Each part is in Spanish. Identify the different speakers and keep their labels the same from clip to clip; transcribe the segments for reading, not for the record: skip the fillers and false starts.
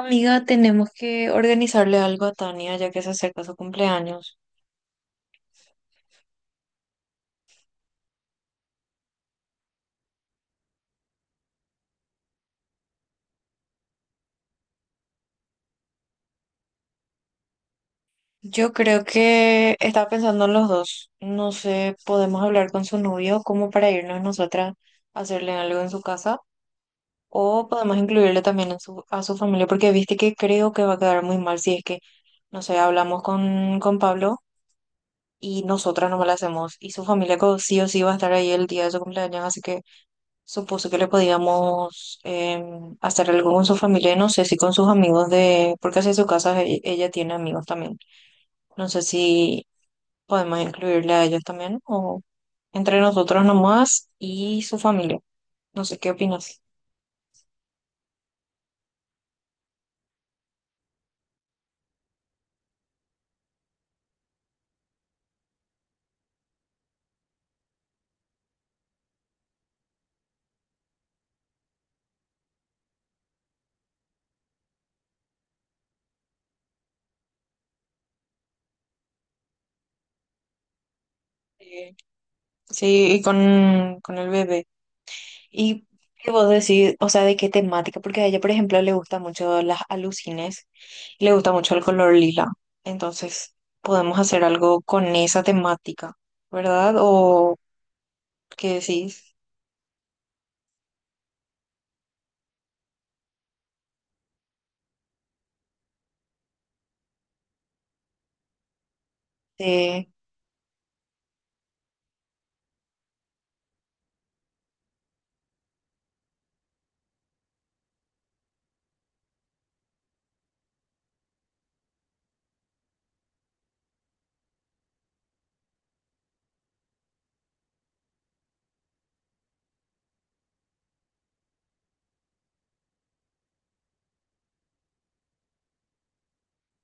Speaker 1: Amiga, tenemos que organizarle algo a Tania ya que se acerca su cumpleaños. Yo creo que estaba pensando en los dos. No sé, podemos hablar con su novio como para irnos nosotras a hacerle algo en su casa o podemos incluirle también en a su familia porque viste que creo que va a quedar muy mal si es que, no sé, hablamos con Pablo y nosotras no le hacemos y su familia sí o sí va a estar ahí el día de su cumpleaños, así que supuse que le podíamos hacer algo con su familia, y no sé si con sus amigos de, porque hacia su casa ella tiene amigos también. No sé si podemos incluirle a ellos también o entre nosotros nomás y su familia. No sé qué opinas. Eh, sí, y con el bebé. ¿Y qué vos decís? O sea, ¿de qué temática? Porque a ella, por ejemplo, le gustan mucho las alucines, le gusta mucho el color lila. Entonces, podemos hacer algo con esa temática. ¿Verdad? O ¿qué decís? Sí,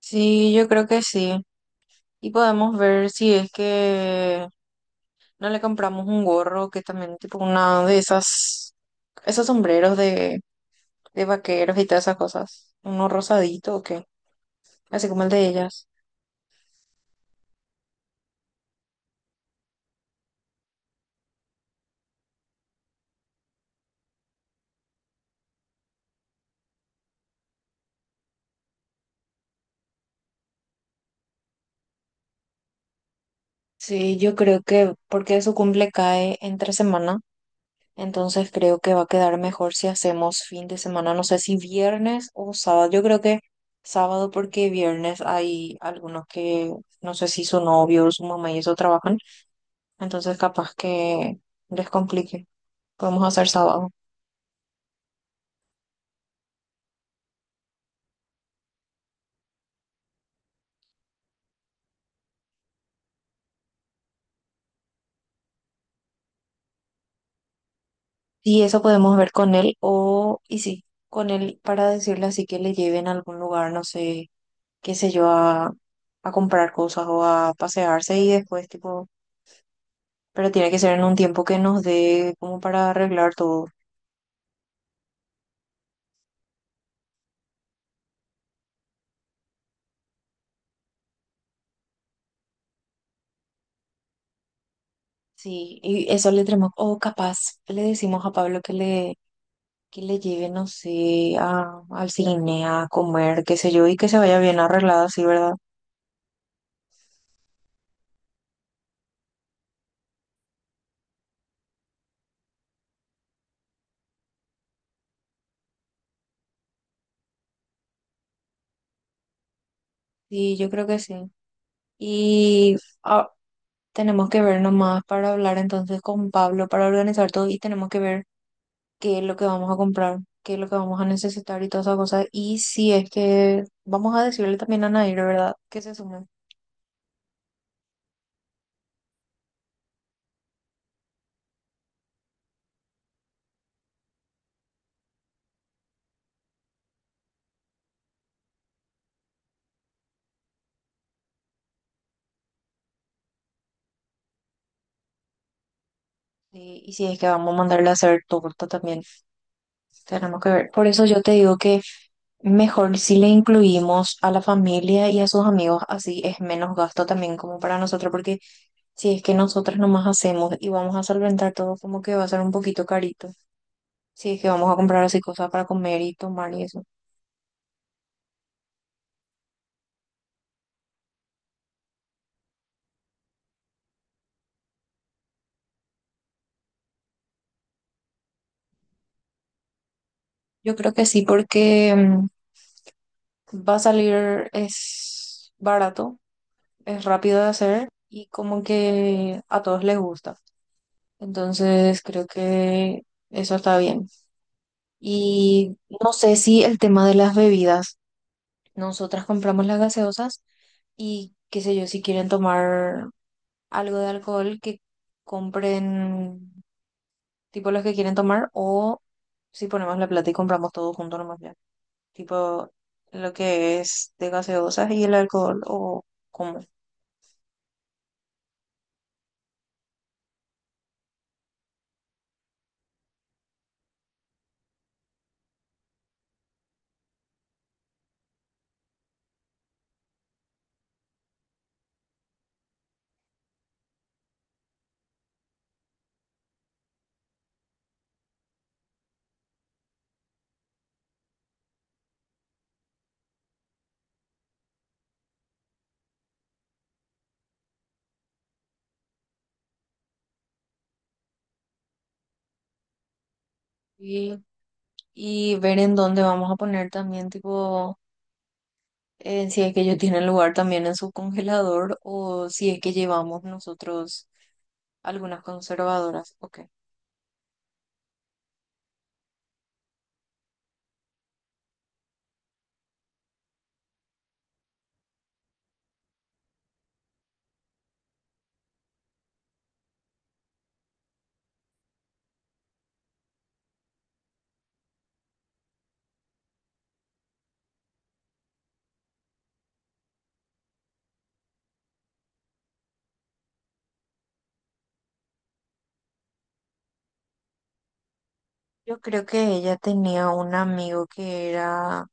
Speaker 1: sí, yo creo que sí. Y podemos ver si es que no le compramos un gorro, que también tipo una de esas, esos sombreros de vaqueros y todas esas cosas. Uno rosadito o qué, así como el de ellas. Sí, yo creo que porque su cumple cae entre semana. Entonces creo que va a quedar mejor si hacemos fin de semana, no sé si viernes o sábado. Yo creo que sábado porque viernes hay algunos que no sé si su novio o su mamá y eso trabajan, entonces capaz que les complique. Podemos hacer sábado. Y eso podemos ver con él o, y sí, con él para decirle así que le lleven a algún lugar, no sé, qué sé yo, a comprar cosas o a pasearse y después tipo, pero tiene que ser en un tiempo que nos dé como para arreglar todo. Sí, y eso le tenemos, o capaz le decimos a Pablo que le lleve, no sé, a, al cine, a comer, qué sé yo, y que se vaya bien arreglada, sí, ¿verdad? Sí, yo creo que sí. Y ah, tenemos que ver nomás para hablar entonces con Pablo, para organizar todo, y tenemos que ver qué es lo que vamos a comprar, qué es lo que vamos a necesitar y todas esas cosas. Y si es que vamos a decirle también a Nair, ¿verdad? Que se sume. Sí, y si es que vamos a mandarle a hacer torta también. Tenemos que ver. Por eso yo te digo que mejor si le incluimos a la familia y a sus amigos, así es menos gasto también como para nosotros, porque si es que nosotras nomás hacemos y vamos a solventar todo, como que va a ser un poquito carito. Si es que vamos a comprar así cosas para comer y tomar y eso. Yo creo que sí, porque va a salir, es barato, es rápido de hacer y como que a todos les gusta. Entonces creo que eso está bien. Y no sé si el tema de las bebidas, nosotras compramos las gaseosas y qué sé yo, si quieren tomar algo de alcohol, que compren tipo los que quieren tomar o si ponemos la plata y compramos todo junto nomás ya. Tipo lo que es de gaseosas y el alcohol o cómo. Y, y ver en dónde vamos a poner también tipo si es que ellos tienen lugar también en su congelador o si es que llevamos nosotros algunas conservadoras, ok. Yo creo que ella tenía un amigo que era,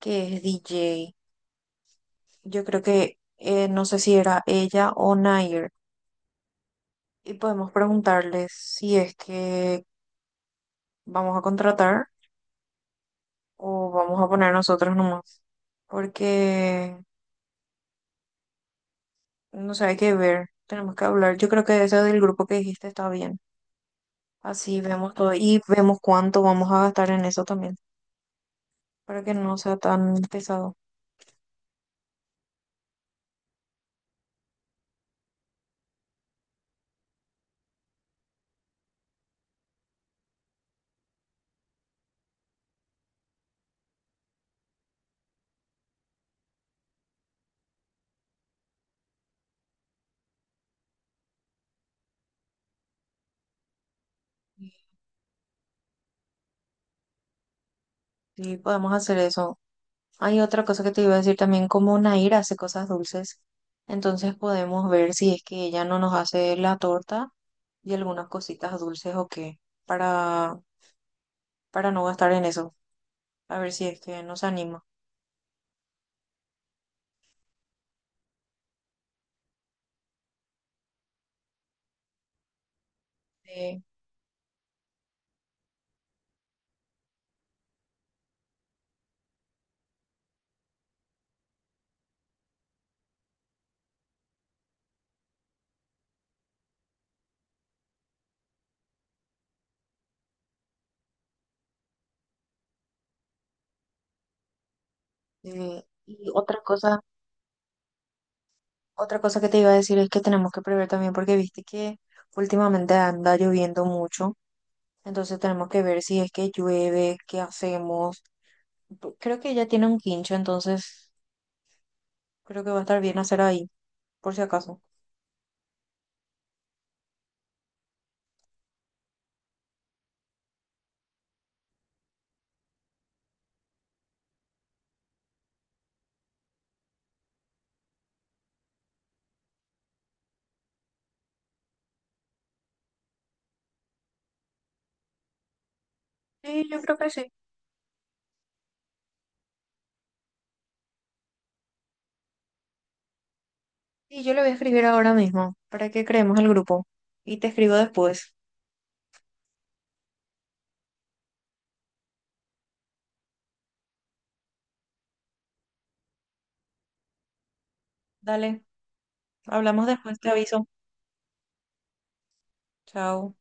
Speaker 1: que es DJ. Yo creo que, no sé si era ella o Nair. Y podemos preguntarles si es que vamos a contratar o vamos a poner nosotros nomás. Porque no sé, hay que ver. Tenemos que hablar. Yo creo que ese del grupo que dijiste está bien. Así vemos todo y vemos cuánto vamos a gastar en eso también. Para que no sea tan pesado. Sí, podemos hacer eso. Hay otra cosa que te iba a decir también, como Nair hace cosas dulces, entonces podemos ver si es que ella no nos hace la torta y algunas cositas dulces o qué, para, para no gastar en eso, a ver si es que nos anima. Sí, sí. Y otra cosa que te iba a decir es que tenemos que prever también, porque viste que últimamente anda lloviendo mucho, entonces tenemos que ver si es que llueve, qué hacemos. Creo que ella tiene un quincho, entonces creo que va a estar bien hacer ahí, por si acaso. Sí, yo creo que sí. Sí, yo le voy a escribir ahora mismo para que creemos el grupo. Y te escribo después. Dale, hablamos después, te aviso. Chao.